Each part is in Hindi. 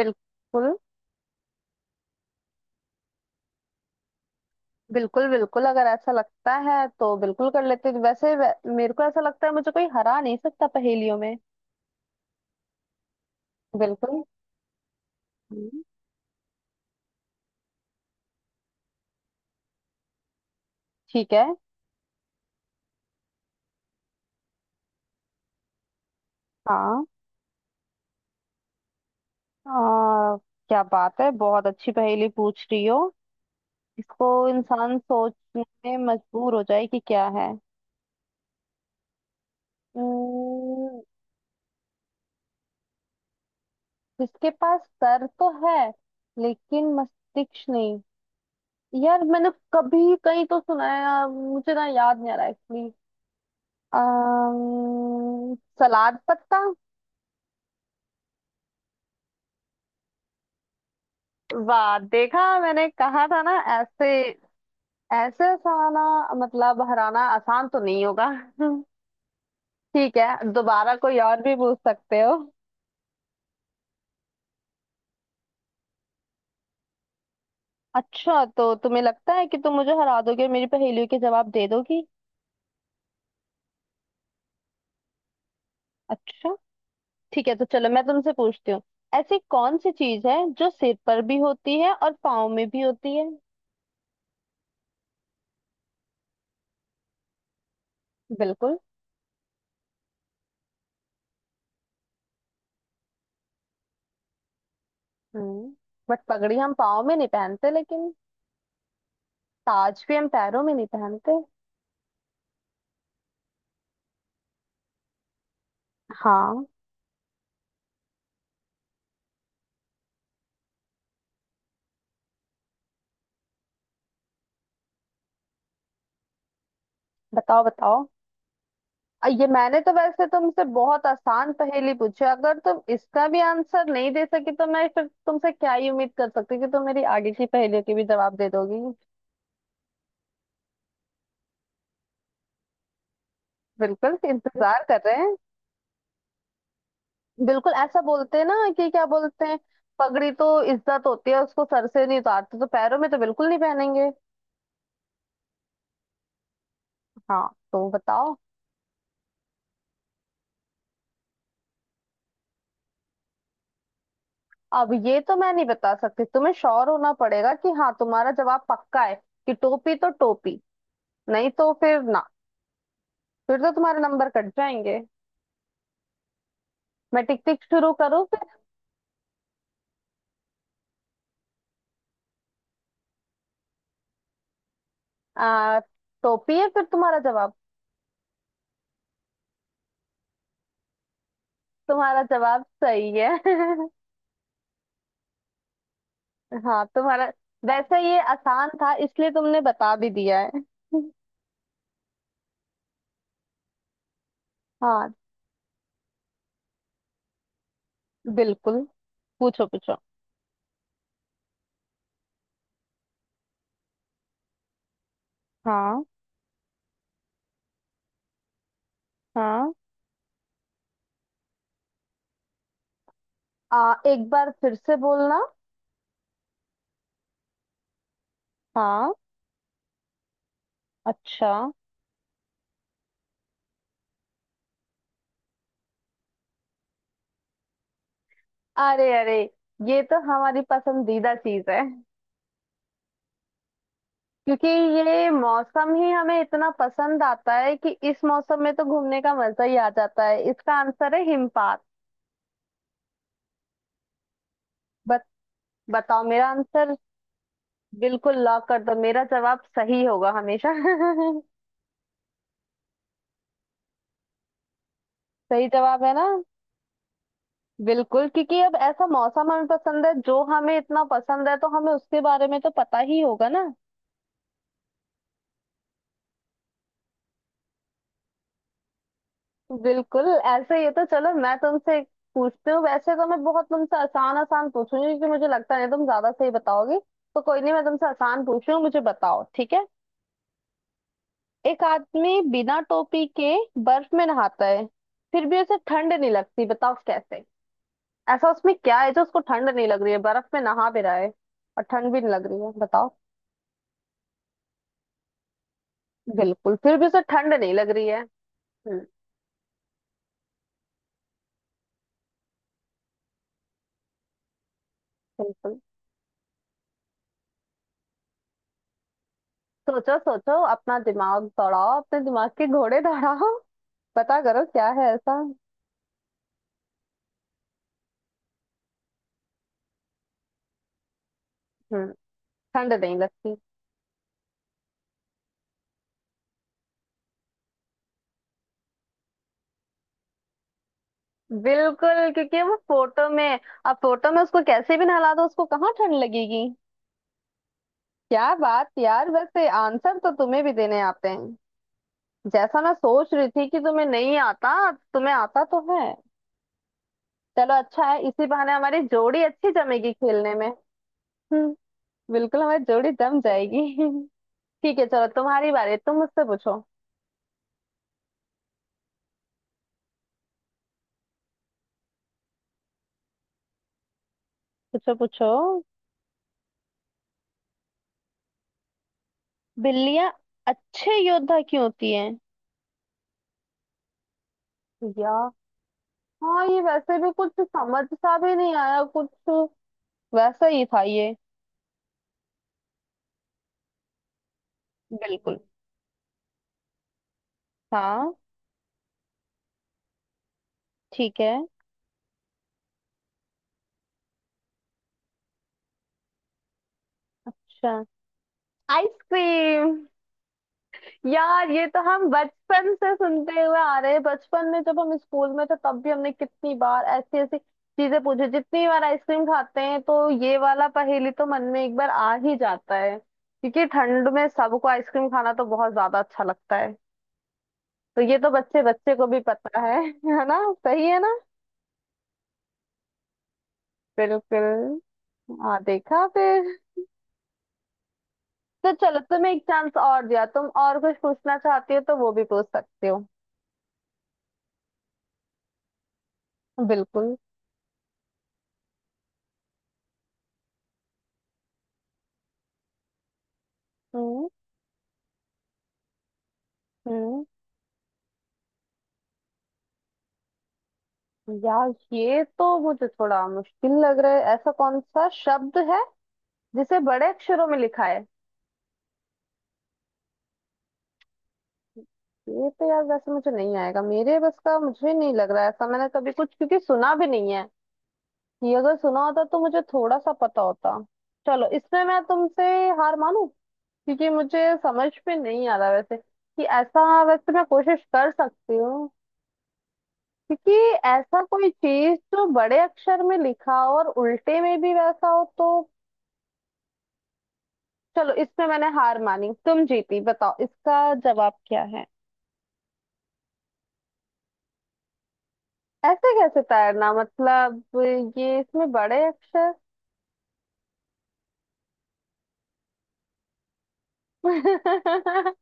बिल्कुल बिल्कुल बिल्कुल। अगर ऐसा लगता है तो बिल्कुल कर लेते हैं। मेरे को ऐसा लगता है मुझे कोई हरा नहीं सकता पहेलियों में। बिल्कुल। हम्म। ठीक है। हाँ। आ, क्या बात है, बहुत अच्छी पहेली पूछ रही हो। इसको इंसान सोचने में मजबूर हो जाए कि क्या है। हम्म। जिसके पास सर तो है लेकिन मस्तिष्क नहीं। यार, मैंने कभी कहीं तो सुना है, मुझे ना याद नहीं आ रहा एक्चुअली। अम्म, सलाद पत्ता। वाह, देखा मैंने कहा था ना। ऐसे ऐसे साला, मतलब हराना आसान तो नहीं होगा। ठीक है, दोबारा कोई और भी पूछ सकते हो। अच्छा, तो तुम्हें लगता है कि तुम मुझे हरा दोगे और मेरी पहेलियों के जवाब दे दोगी। अच्छा, ठीक है, तो चलो मैं तुमसे पूछती हूँ। ऐसी कौन सी चीज है जो सिर पर भी होती है और पाँव में भी होती है। बिल्कुल। हम्म, बट पगड़ी हम पाँव में नहीं पहनते लेकिन। ताज भी हम पैरों में नहीं पहनते। हाँ। बताओ बताओ। ये मैंने तो वैसे तुमसे बहुत आसान पहेली पूछी, अगर तुम इसका भी आंसर नहीं दे सकी तो मैं फिर तुमसे क्या ही उम्मीद कर सकती हूँ कि तुम मेरी आगे की पहेलियों के भी जवाब दे दोगी। बिल्कुल, इंतजार कर रहे हैं। बिल्कुल, ऐसा बोलते हैं ना कि क्या बोलते हैं। पगड़ी तो इज्जत होती है, उसको सर से नहीं उतारते, तो पैरों में तो बिल्कुल नहीं पहनेंगे। हाँ, तो बताओ। अब ये तो मैं नहीं बता सकती, तुम्हें श्योर होना पड़ेगा कि हाँ तुम्हारा जवाब पक्का है कि टोपी तो टोपी, नहीं तो फिर ना, फिर तो तुम्हारे नंबर कट जाएंगे। मैं टिक टिक शुरू करूँ फिर। आ, टोपी है फिर तुम्हारा जवाब। तुम्हारा जवाब सही है। हाँ, तुम्हारा। वैसे ये आसान था इसलिए तुमने बता भी दिया है। हाँ। बिल्कुल। पूछो पूछो। हाँ हाँ। एक बार फिर से बोलना। हाँ। अच्छा। अरे अरे, ये तो हमारी पसंदीदा चीज है। क्योंकि ये मौसम ही हमें इतना पसंद आता है कि इस मौसम में तो घूमने का मजा ही आ जाता है। इसका आंसर है हिमपात। बत, बताओ मेरा आंसर। बिल्कुल लॉक कर दो, मेरा जवाब सही होगा हमेशा। सही जवाब है ना। बिल्कुल, क्योंकि अब ऐसा मौसम हमें पसंद है, जो हमें इतना पसंद है तो हमें उसके बारे में तो पता ही होगा ना। बिल्कुल ऐसे ही है। तो चलो मैं तुमसे पूछती हूँ। वैसे तो मैं बहुत तुमसे आसान आसान पूछूंगी क्योंकि मुझे लगता नहीं तुम ज्यादा सही बताओगी, तो कोई नहीं, मैं तुमसे आसान पूछ रही हूँ, मुझे बताओ, ठीक है। एक आदमी बिना टोपी के बर्फ में नहाता है, फिर भी उसे ठंड नहीं लगती, बताओ कैसे। ऐसा उसमें क्या है जो उसको ठंड नहीं लग रही है, बर्फ में नहा भी रहा है और ठंड भी नहीं लग रही है, बताओ। बिल्कुल, फिर भी उसे ठंड नहीं लग रही है। हम्म। बिल्कुल। सोचो सोचो, अपना दिमाग दौड़ाओ, अपने दिमाग के घोड़े दौड़ाओ। पता करो क्या है ऐसा। हम्म। ठंड नहीं लगती। बिल्कुल, क्योंकि वो फोटो में। अब फोटो में उसको कैसे भी नहला दो, उसको कहाँ ठंड लगेगी। क्या बात यार, वैसे आंसर तो तुम्हें भी देने आते हैं, जैसा मैं सोच रही थी कि तुम्हें नहीं आता। तुम्हें आता तो है। चलो अच्छा है, इसी बहाने हमारी जोड़ी अच्छी जमेगी खेलने में। हम्म। बिल्कुल, हमारी जोड़ी जम जाएगी। ठीक है, चलो तुम्हारी बारी, तुम मुझसे पूछो। पूछो पूछो। बिल्लियां अच्छे योद्धा क्यों होती हैं। या, हाँ ये वैसे भी कुछ समझ सा भी नहीं आया कुछ, वैसा ही था ये। बिल्कुल। हाँ। ठीक है। अच्छा। आइसक्रीम। यार, ये तो हम बचपन से सुनते हुए आ रहे हैं, बचपन में जब हम स्कूल में थे तब भी हमने कितनी बार ऐसी ऐसी चीजें पूछी, जितनी बार आइसक्रीम खाते हैं तो ये वाला पहेली तो मन में एक बार आ ही जाता है, क्योंकि ठंड में सबको आइसक्रीम खाना तो बहुत ज्यादा अच्छा लगता है। तो ये तो बच्चे बच्चे को भी पता है। है ना। सही है ना। बिल्कुल। हाँ, देखा फिर। तो चलो तुम्हें एक चांस और दिया, तुम और कुछ पूछना चाहती हो तो वो भी पूछ सकते हो। बिल्कुल। हम्म। हम्म, यार ये तो मुझे थोड़ा मुश्किल लग रहा है, ऐसा कौन सा शब्द है जिसे बड़े अक्षरों में लिखा है। ये तो यार वैसे मुझे नहीं आएगा, मेरे बस का मुझे नहीं लग रहा है, ऐसा मैंने कभी कुछ क्योंकि सुना भी नहीं है। ये अगर सुना होता तो मुझे थोड़ा सा पता होता। चलो, इसमें मैं तुमसे हार मानू क्योंकि मुझे समझ में नहीं आ रहा, वैसे कि ऐसा, वैसे मैं कोशिश कर सकती हूँ। क्योंकि ऐसा कोई चीज जो बड़े अक्षर में लिखा हो और उल्टे में भी वैसा हो तो। चलो इसमें मैंने हार मानी, तुम जीती, बताओ इसका जवाब क्या है। ऐसे कैसे तैरना, मतलब ये इसमें बड़े अक्षर।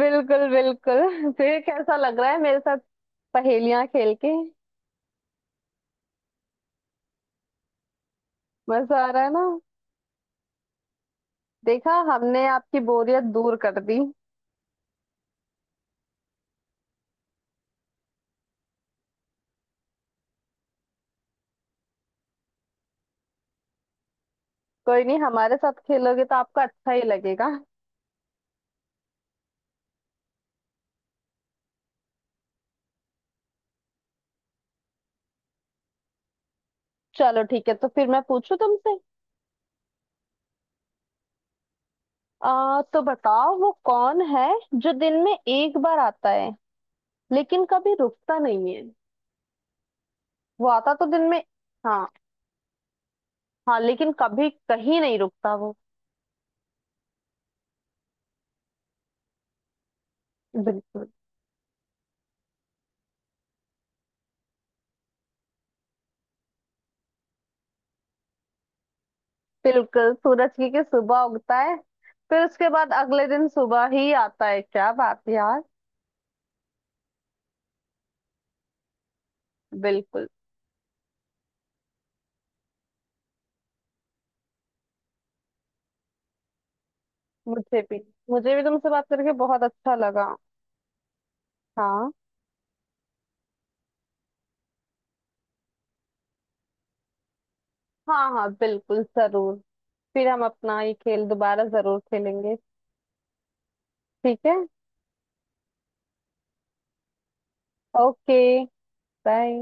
बिल्कुल बिल्कुल, फिर कैसा लग रहा है मेरे साथ पहेलियां खेल के। मजा आ रहा है ना। देखा, हमने आपकी बोरियत दूर कर दी। कोई नहीं, हमारे साथ खेलोगे तो आपको अच्छा ही लगेगा। चलो ठीक है, तो फिर मैं पूछू तुमसे। आ तो बताओ वो कौन है जो दिन में एक बार आता है, लेकिन कभी रुकता नहीं है। वो आता तो दिन में। हाँ। हाँ, लेकिन कभी कहीं नहीं रुकता वो। बिल्कुल। बिल्कुल, सूरज की सुबह उगता है, फिर उसके बाद अगले दिन सुबह ही आता है। क्या बात है यार। बिल्कुल। मुझे भी। मुझे भी तुमसे बात करके बहुत अच्छा लगा। हाँ। हाँ। हाँ बिल्कुल जरूर, फिर हम अपना ये खेल दोबारा जरूर खेलेंगे। ठीक है। ओके। बाय।